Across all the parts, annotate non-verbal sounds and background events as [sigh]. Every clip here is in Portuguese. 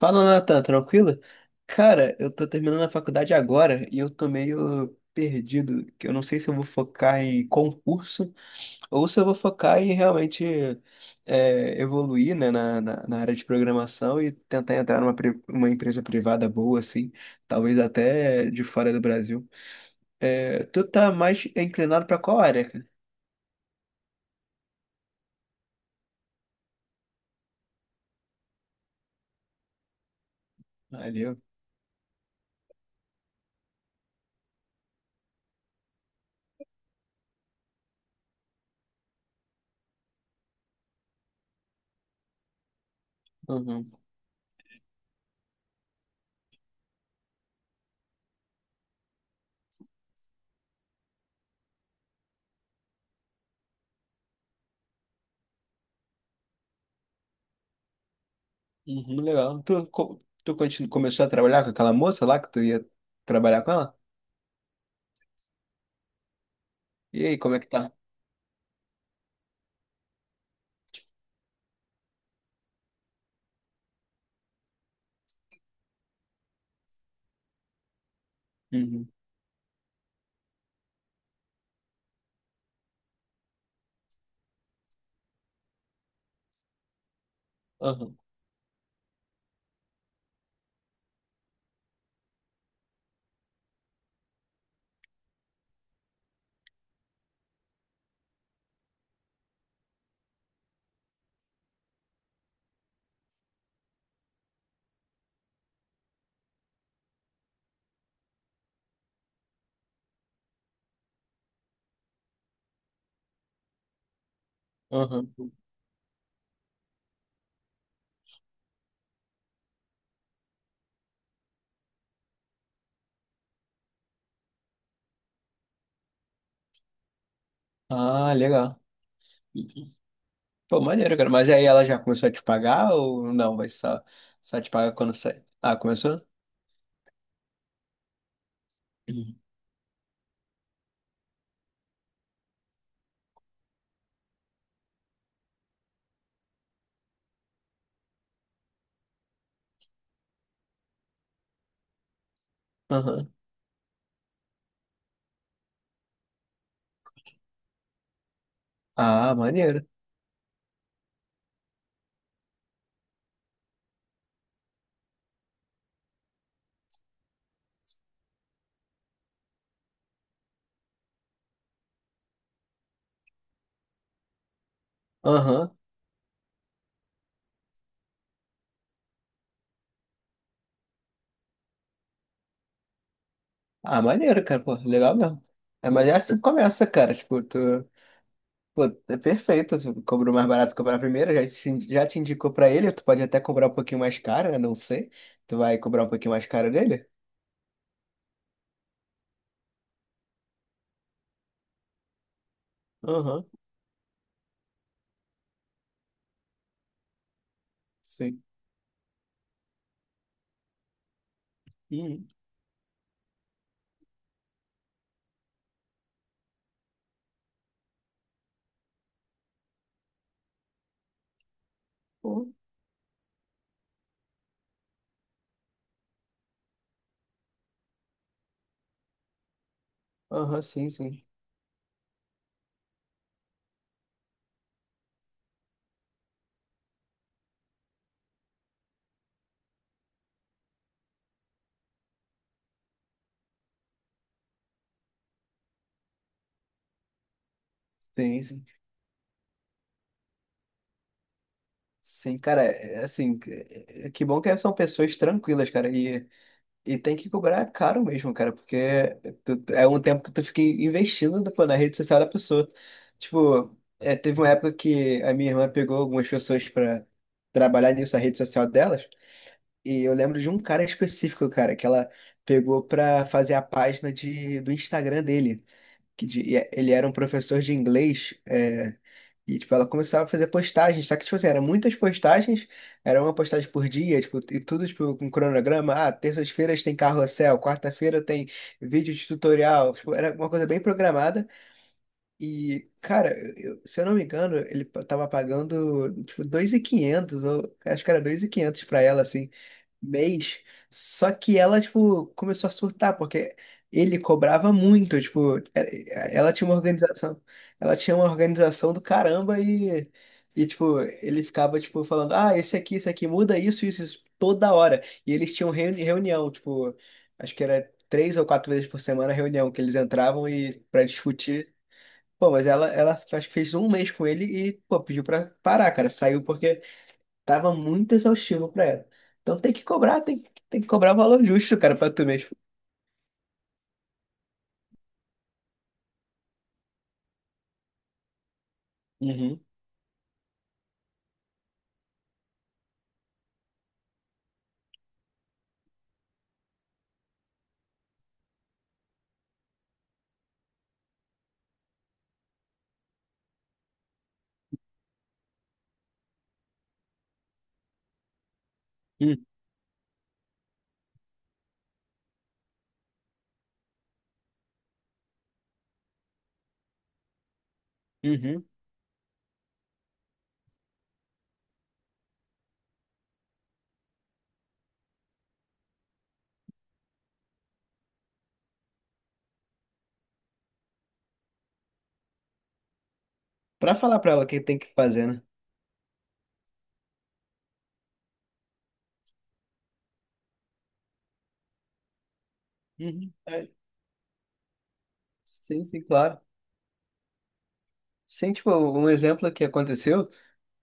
Fala, Natan, tranquilo? Cara, eu tô terminando a faculdade agora e eu tô meio perdido, que eu não sei se eu vou focar em concurso ou se eu vou focar em realmente evoluir, né, na área de programação e tentar entrar uma empresa privada boa, assim, talvez até de fora do Brasil. É, tu tá mais inclinado pra qual área, cara? Valeu. Uhum. Uhum, legal. Tu, co- tu continu- começou a trabalhar com aquela moça lá que tu ia trabalhar com ela? E aí, como é que tá? Uhum. Aham. Aham. Ah, legal. Pô, maneiro, cara. Mas aí ela já começou a te pagar ou não? Vai só, só te pagar quando sai? Ah, começou? Uhum. Aham. Ah, maneiro. Aham. Ah, maneiro, cara. Pô, legal mesmo. É, mas é assim que começa, cara. Tipo, tu. Pô, é perfeito. Tu cobrou mais barato, cobrar primeiro. Já te indicou pra ele. Tu pode até cobrar um pouquinho mais caro, né? Não sei. Tu vai cobrar um pouquinho mais caro dele? Aham. Sim. Uhum. Pô, aham, sim, sim. Sim, sim. Sim, cara, é assim, que bom que são pessoas tranquilas, cara, e tem que cobrar caro mesmo, cara, porque é um tempo que tu fica investindo, pô, na rede social da pessoa. Tipo, teve uma época que a minha irmã pegou algumas pessoas pra trabalhar nisso, na rede social delas, e eu lembro de um cara específico, cara, que ela pegou pra fazer a página do Instagram dele que de- e é, ele era um professor de inglês, é, e tipo, ela começava a fazer postagens, só que tipo assim, eram muitas postagens, era uma postagem por dia, tipo, e tudo tipo com cronograma, ah, terças-feiras tem carrossel, quarta-feira tem vídeo de tutorial, tipo, era uma coisa bem programada, e cara, se eu não me engano, tava pagando tipo 2.500 ou acho que era 2.500 pra ela, assim, mês. Só que ela, tipo, começou a surtar, porque ele cobrava muito, tipo, ela tinha uma organização, ela tinha uma organização do caramba e tipo, ele ficava, tipo, falando, ah, esse aqui, muda isso, isso, isso, toda hora. E eles tinham reunião, tipo, acho que era três ou quatro vezes por semana a reunião que eles entravam e para discutir. Pô, mas ela acho que fez um mês com ele e, pô, pediu pra parar, cara. Saiu porque tava muito exaustivo pra ela. Então tem que cobrar, tem que cobrar o valor justo, cara, pra tu mesmo. Uhum, uhum, uhum. Pra falar pra ela o que tem que fazer, né? Uhum, é. Sim, sim, claro. Sim, tipo, um exemplo que aconteceu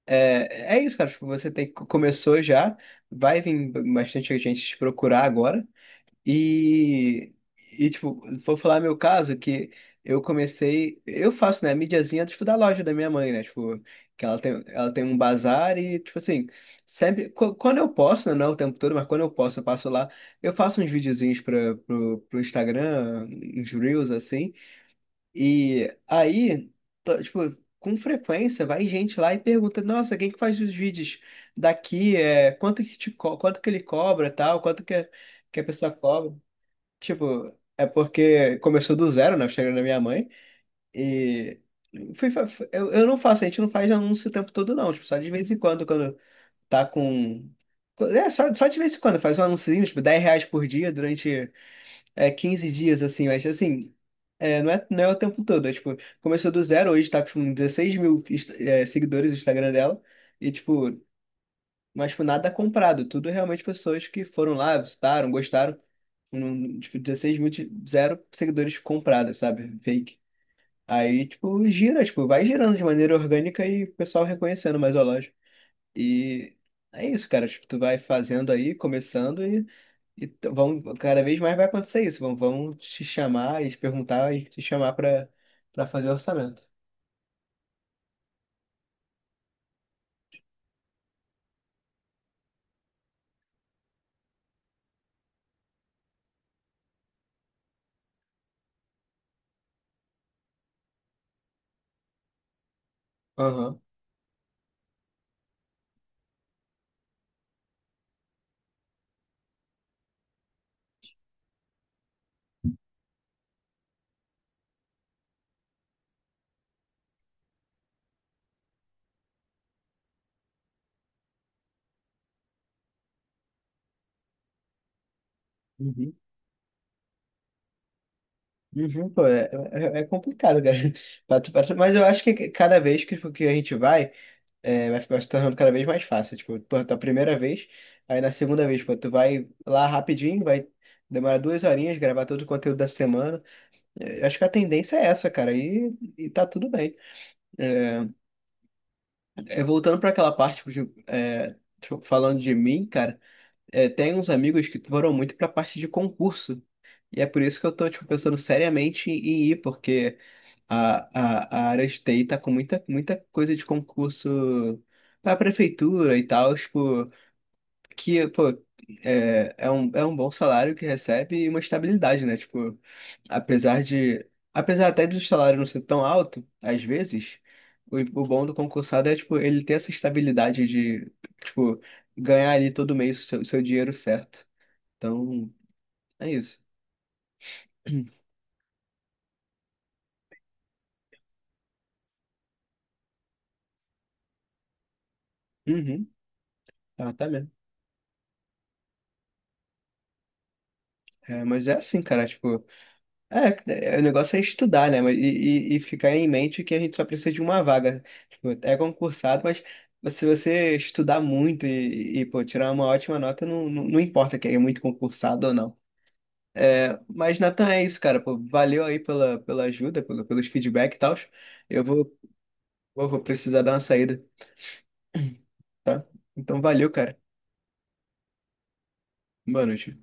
é, é isso, cara. Tipo, você tem, começou já, vai vir bastante gente te procurar agora. E, e tipo, vou falar meu caso, que eu comecei, eu faço, né, mídiazinha, tipo, da loja da minha mãe, né, tipo, que ela tem um bazar e, tipo assim, sempre, quando eu posso, né, não é o tempo todo, mas quando eu posso, eu passo lá, eu faço uns videozinhos pro Instagram, uns Reels, assim, e aí, tipo, com frequência vai gente lá e pergunta, nossa, quem que faz os vídeos daqui, é, quanto que ele cobra, tal, que a pessoa cobra. Tipo, é porque começou do zero, né? O Instagram da minha mãe. E fui, fa- fu- eu não faço, a gente não faz anúncio o tempo todo, não. Tipo, só de vez em quando, quando tá com. É, só de vez em quando, faz um anúncio, tipo, R$ 10 por dia durante 15 dias, assim, mas assim, é, não é o tempo todo. É, tipo, começou do zero, hoje tá com 16 mil seguidores no Instagram dela. E, tipo, mas, tipo, nada comprado. Tudo realmente pessoas que foram lá, visitaram, gostaram. Tipo, 16 mil, zero seguidores comprados, sabe? Fake. Aí, tipo, gira, tipo, vai girando de maneira orgânica e o pessoal reconhecendo mais a loja. E é isso, cara. Tipo, tu vai fazendo aí, começando e, vão, cada vez mais vai acontecer isso. Vão te chamar e te perguntar e te chamar pra, pra fazer orçamento. Aham. Uhum, pô, é complicado, cara. [laughs] Mas eu acho que cada vez que, tipo, que a gente vai, é, vai ficar se tornando cada vez mais fácil. Tipo, pô, a primeira vez, aí na segunda vez, pô, tu vai lá rapidinho, vai demorar duas horinhas, gravar todo o conteúdo da semana. É, eu acho que a tendência é essa, cara, e tá tudo bem. É, voltando pra aquela parte, tipo, de, é, tipo, falando de mim, cara, é, tem uns amigos que foram muito pra parte de concurso. E é por isso que eu tô, tipo, pensando seriamente em ir, porque. A, a área de TI tá com muita coisa de concurso pra prefeitura e tal, tipo, que, pô, é um bom salário que recebe e uma estabilidade, né? Tipo, apesar de, apesar até do salário não ser tão alto, às vezes, o bom do concursado é, tipo, ele ter essa estabilidade de, tipo, ganhar ali todo mês o seu dinheiro certo. Então, é isso. [clears throat] Uhum, ah, tá mesmo. É, mas é assim, cara, tipo. O negócio é estudar, né? Mas- e ficar em mente que a gente só precisa de uma vaga. Tipo, é concursado, mas se você estudar muito pô, tirar uma ótima nota, não importa que é muito concursado ou não. É, mas, Nathan, é isso, cara. Pô, valeu aí pela, pela ajuda, pelo, pelos feedback e tal. Eu vou, vou precisar dar uma saída, tá? Então, valeu, cara. Boa noite.